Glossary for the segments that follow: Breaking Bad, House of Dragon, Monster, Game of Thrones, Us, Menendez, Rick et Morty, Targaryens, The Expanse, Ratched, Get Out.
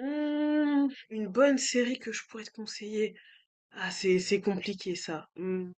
Mmh, une bonne série que je pourrais te conseiller. Ah, c'est compliqué ça. Mmh,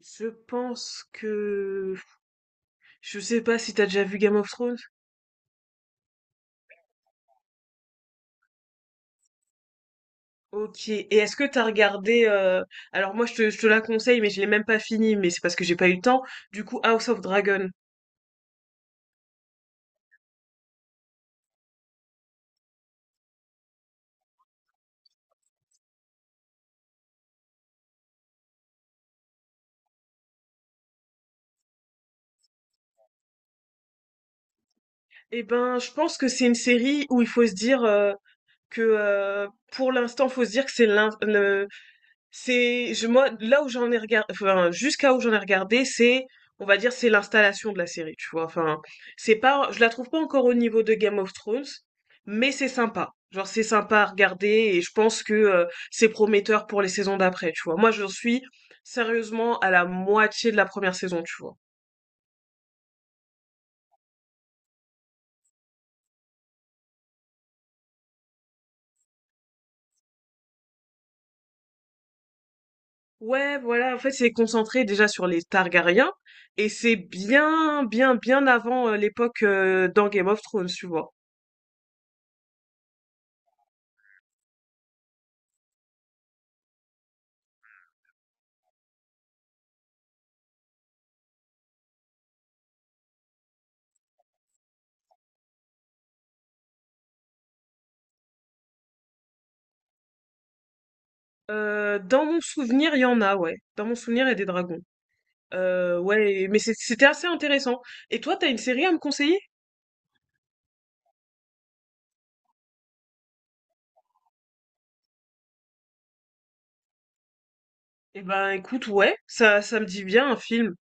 je pense que je sais pas si t'as déjà vu Game of Thrones. Ok. Et est-ce que t'as regardé. Alors moi je te la conseille, mais je l'ai même pas fini, mais c'est parce que j'ai pas eu le temps. Du coup, House of Dragon. Eh ben, je pense que c'est une série où il faut se dire que pour l'instant faut se dire que c'est l'un. C'est je moi là où j'en ai regardé, enfin jusqu'à où j'en ai regardé, c'est, on va dire, c'est l'installation de la série, tu vois. Enfin, c'est pas je la trouve pas encore au niveau de Game of Thrones, mais c'est sympa. Genre c'est sympa à regarder et je pense que c'est prometteur pour les saisons d'après, tu vois. Moi, je suis sérieusement à la moitié de la première saison, tu vois. Ouais, voilà, en fait, c'est concentré déjà sur les Targaryens et c'est bien bien bien avant l'époque dans Game of Thrones, tu vois. Dans mon souvenir, il y en a, ouais. Dans mon souvenir, il y a des dragons. Ouais, mais c'était assez intéressant. Et toi, t'as une série à me conseiller? Eh ben, écoute, ouais, ça me dit bien un film.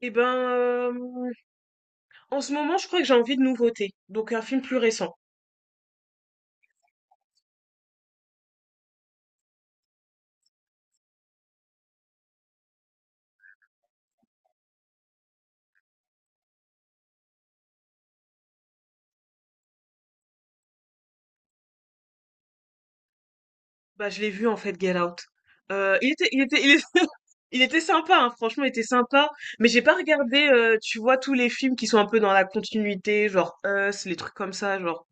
Eh ben, en ce moment, je crois que j'ai envie de nouveautés. Donc, un film plus récent. Bah, je l'ai vu en fait, Get Out. Il était, il était, il est- Il était sympa, hein, franchement, il était sympa. Mais j'ai pas regardé, tu vois, tous les films qui sont un peu dans la continuité, genre Us, les trucs comme ça, genre.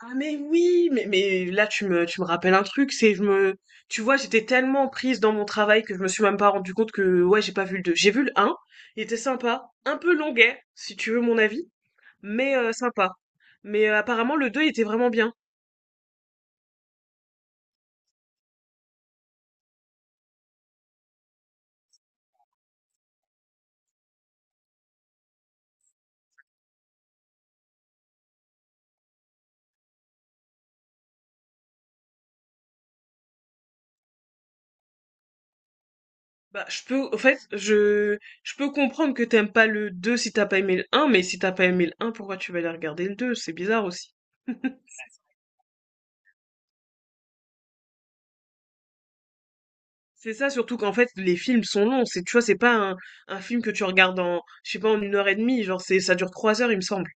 Ah mais oui, mais là tu me rappelles un truc, c'est je me tu vois, j'étais tellement prise dans mon travail que je me suis même pas rendu compte que ouais, j'ai pas vu le deux. J'ai vu le un. Il était sympa, un peu longuet si tu veux mon avis, mais sympa. Mais apparemment le deux, il était vraiment bien. Bah, je peux, en fait, je peux comprendre que t'aimes pas le 2 si t'as pas aimé le un, mais si t'as pas aimé le un, pourquoi tu vas aller regarder le deux? C'est bizarre aussi. C'est ça, surtout qu'en fait, les films sont longs. C'est, tu vois, c'est pas un film que tu regardes en, je sais pas, en 1 heure et demie. Genre, c'est, ça dure 3 heures, il me semble.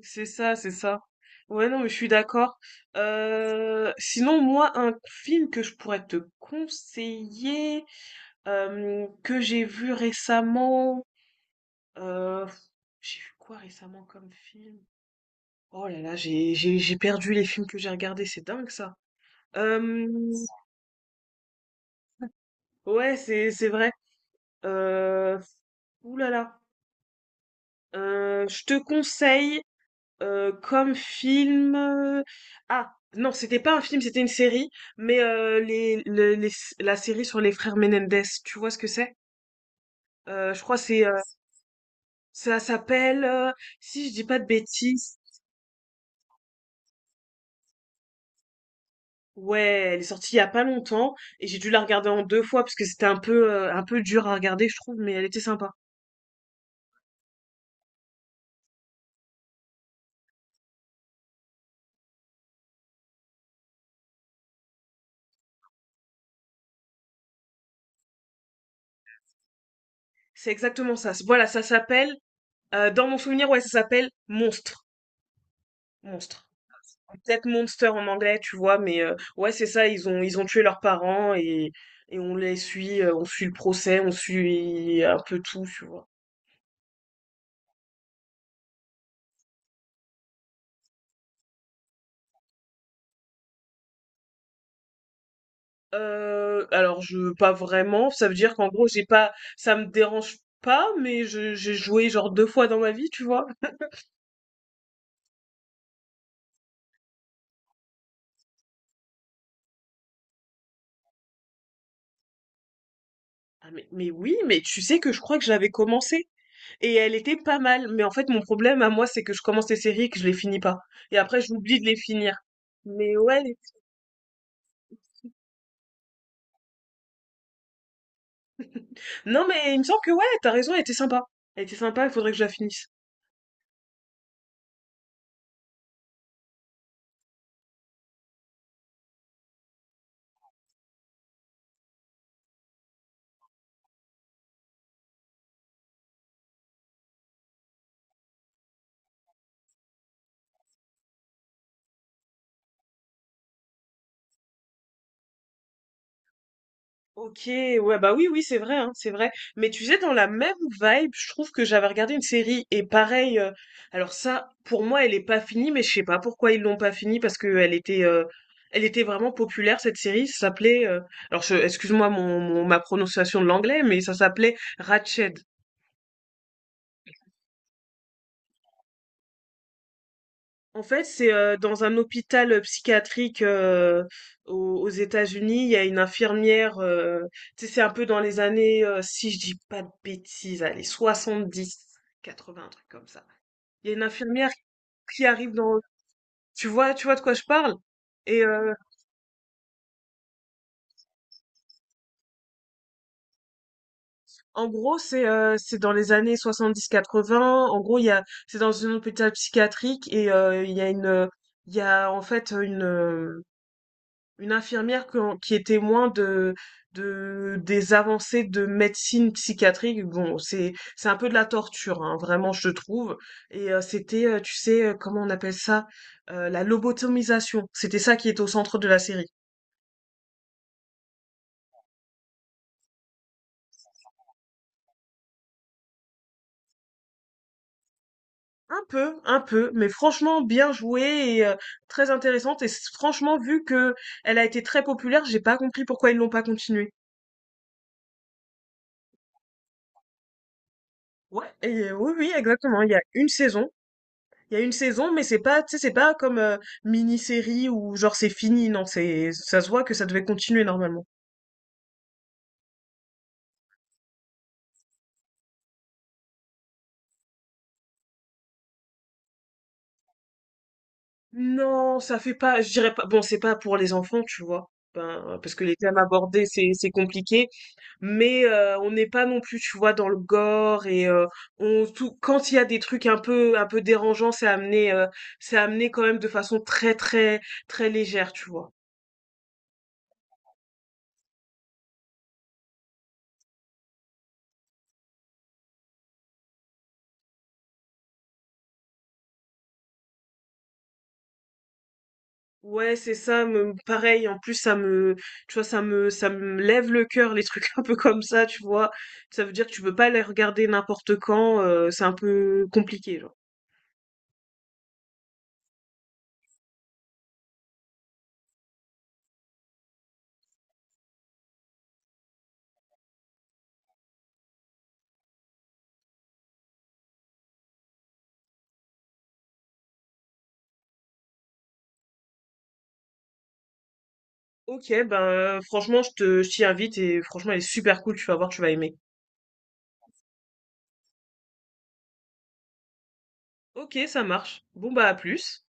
C'est ça, c'est ça. Ouais, non, mais je suis d'accord. Sinon, moi, un film que je pourrais te conseiller, que j'ai vu récemment, euh, j'ai vu quoi récemment comme film? Oh là là, j'ai perdu les films que j'ai regardés, c'est dingue ça. Euh, ouais, c'est vrai. Euh, Ouh là là. Je te conseille comme film. Ah non, c'était pas un film, c'était une série, mais les, le- les la série sur les frères Menendez. Tu vois ce que c'est? Je crois c'est ça s'appelle, si je dis pas de bêtises. Ouais, elle est sortie il y a pas longtemps et j'ai dû la regarder en deux fois parce que c'était un peu dur à regarder, je trouve, mais elle était sympa. C'est exactement ça. Voilà, ça s'appelle, dans mon souvenir, ouais, ça s'appelle Monstre. Monstre. Peut-être Monster en anglais, tu vois, mais ouais, c'est ça, ils ont tué leurs parents et on les suit, on suit le procès, on suit un peu tout, tu vois. Alors je pas vraiment, ça veut dire qu'en gros, j'ai pas, ça me dérange pas, mais je j'ai joué genre deux fois dans ma vie, tu vois. Ah, mais oui, mais tu sais que je crois que j'avais commencé et elle était pas mal, mais en fait mon problème à moi c'est que je commence les séries et que je les finis pas et après j'oublie de les finir. Mais ouais, non, mais il me semble que ouais, t'as raison, elle était sympa. Elle était sympa, il faudrait que je la finisse. Ok, ouais, bah oui, oui, c'est vrai, hein, c'est vrai. Mais tu sais, dans la même vibe, je trouve que j'avais regardé une série, et pareil, alors ça, pour moi, elle est pas finie, mais je sais pas pourquoi ils l'ont pas finie, parce que elle était vraiment populaire, cette série, ça s'appelait, excuse-moi ma prononciation de l'anglais, mais ça s'appelait Ratched. En fait, c'est dans un hôpital psychiatrique, aux États-Unis, il y a une infirmière, tu sais, c'est un peu dans les années, si je dis pas de bêtises, allez, 70, 80, un truc comme ça. Il y a une infirmière qui arrive dans, tu vois de quoi je parle? Et en gros, c'est dans les années 70 80. En gros, c'est dans un hôpital psychiatrique et il y a en fait une infirmière qui est témoin de, des avancées de médecine psychiatrique. Bon, c'est un peu de la torture, hein, vraiment, je trouve. Et c'était, tu sais, comment on appelle ça? La lobotomisation. C'était ça qui est au centre de la série. Un peu, mais franchement bien joué et très intéressante. Et franchement, vu que elle a été très populaire, j'ai pas compris pourquoi ils l'ont pas continuée. Ouais, et, oui, oui, exactement. Il y a une saison. Il y a une saison, mais c'est pas, tu sais, c'est pas comme mini-série où genre c'est fini, non, c'est, ça se voit que ça devait continuer normalement. Non, ça fait pas, je dirais pas, bon, c'est pas pour les enfants, tu vois, ben, parce que les thèmes abordés, c'est compliqué, mais on n'est pas non plus, tu vois, dans le gore et tout, quand il y a des trucs un peu dérangeants, c'est amené quand même de façon très, très, très légère, tu vois. Ouais, c'est ça, me pareil, en plus ça me tu vois ça me lève le cœur les trucs un peu comme ça, tu vois. Ça veut dire que tu peux pas les regarder n'importe quand, c'est un peu compliqué genre. OK, ben franchement, je t'y invite et franchement, elle est super cool, tu vas voir, tu vas aimer. OK, ça marche. Bon, bah, à plus.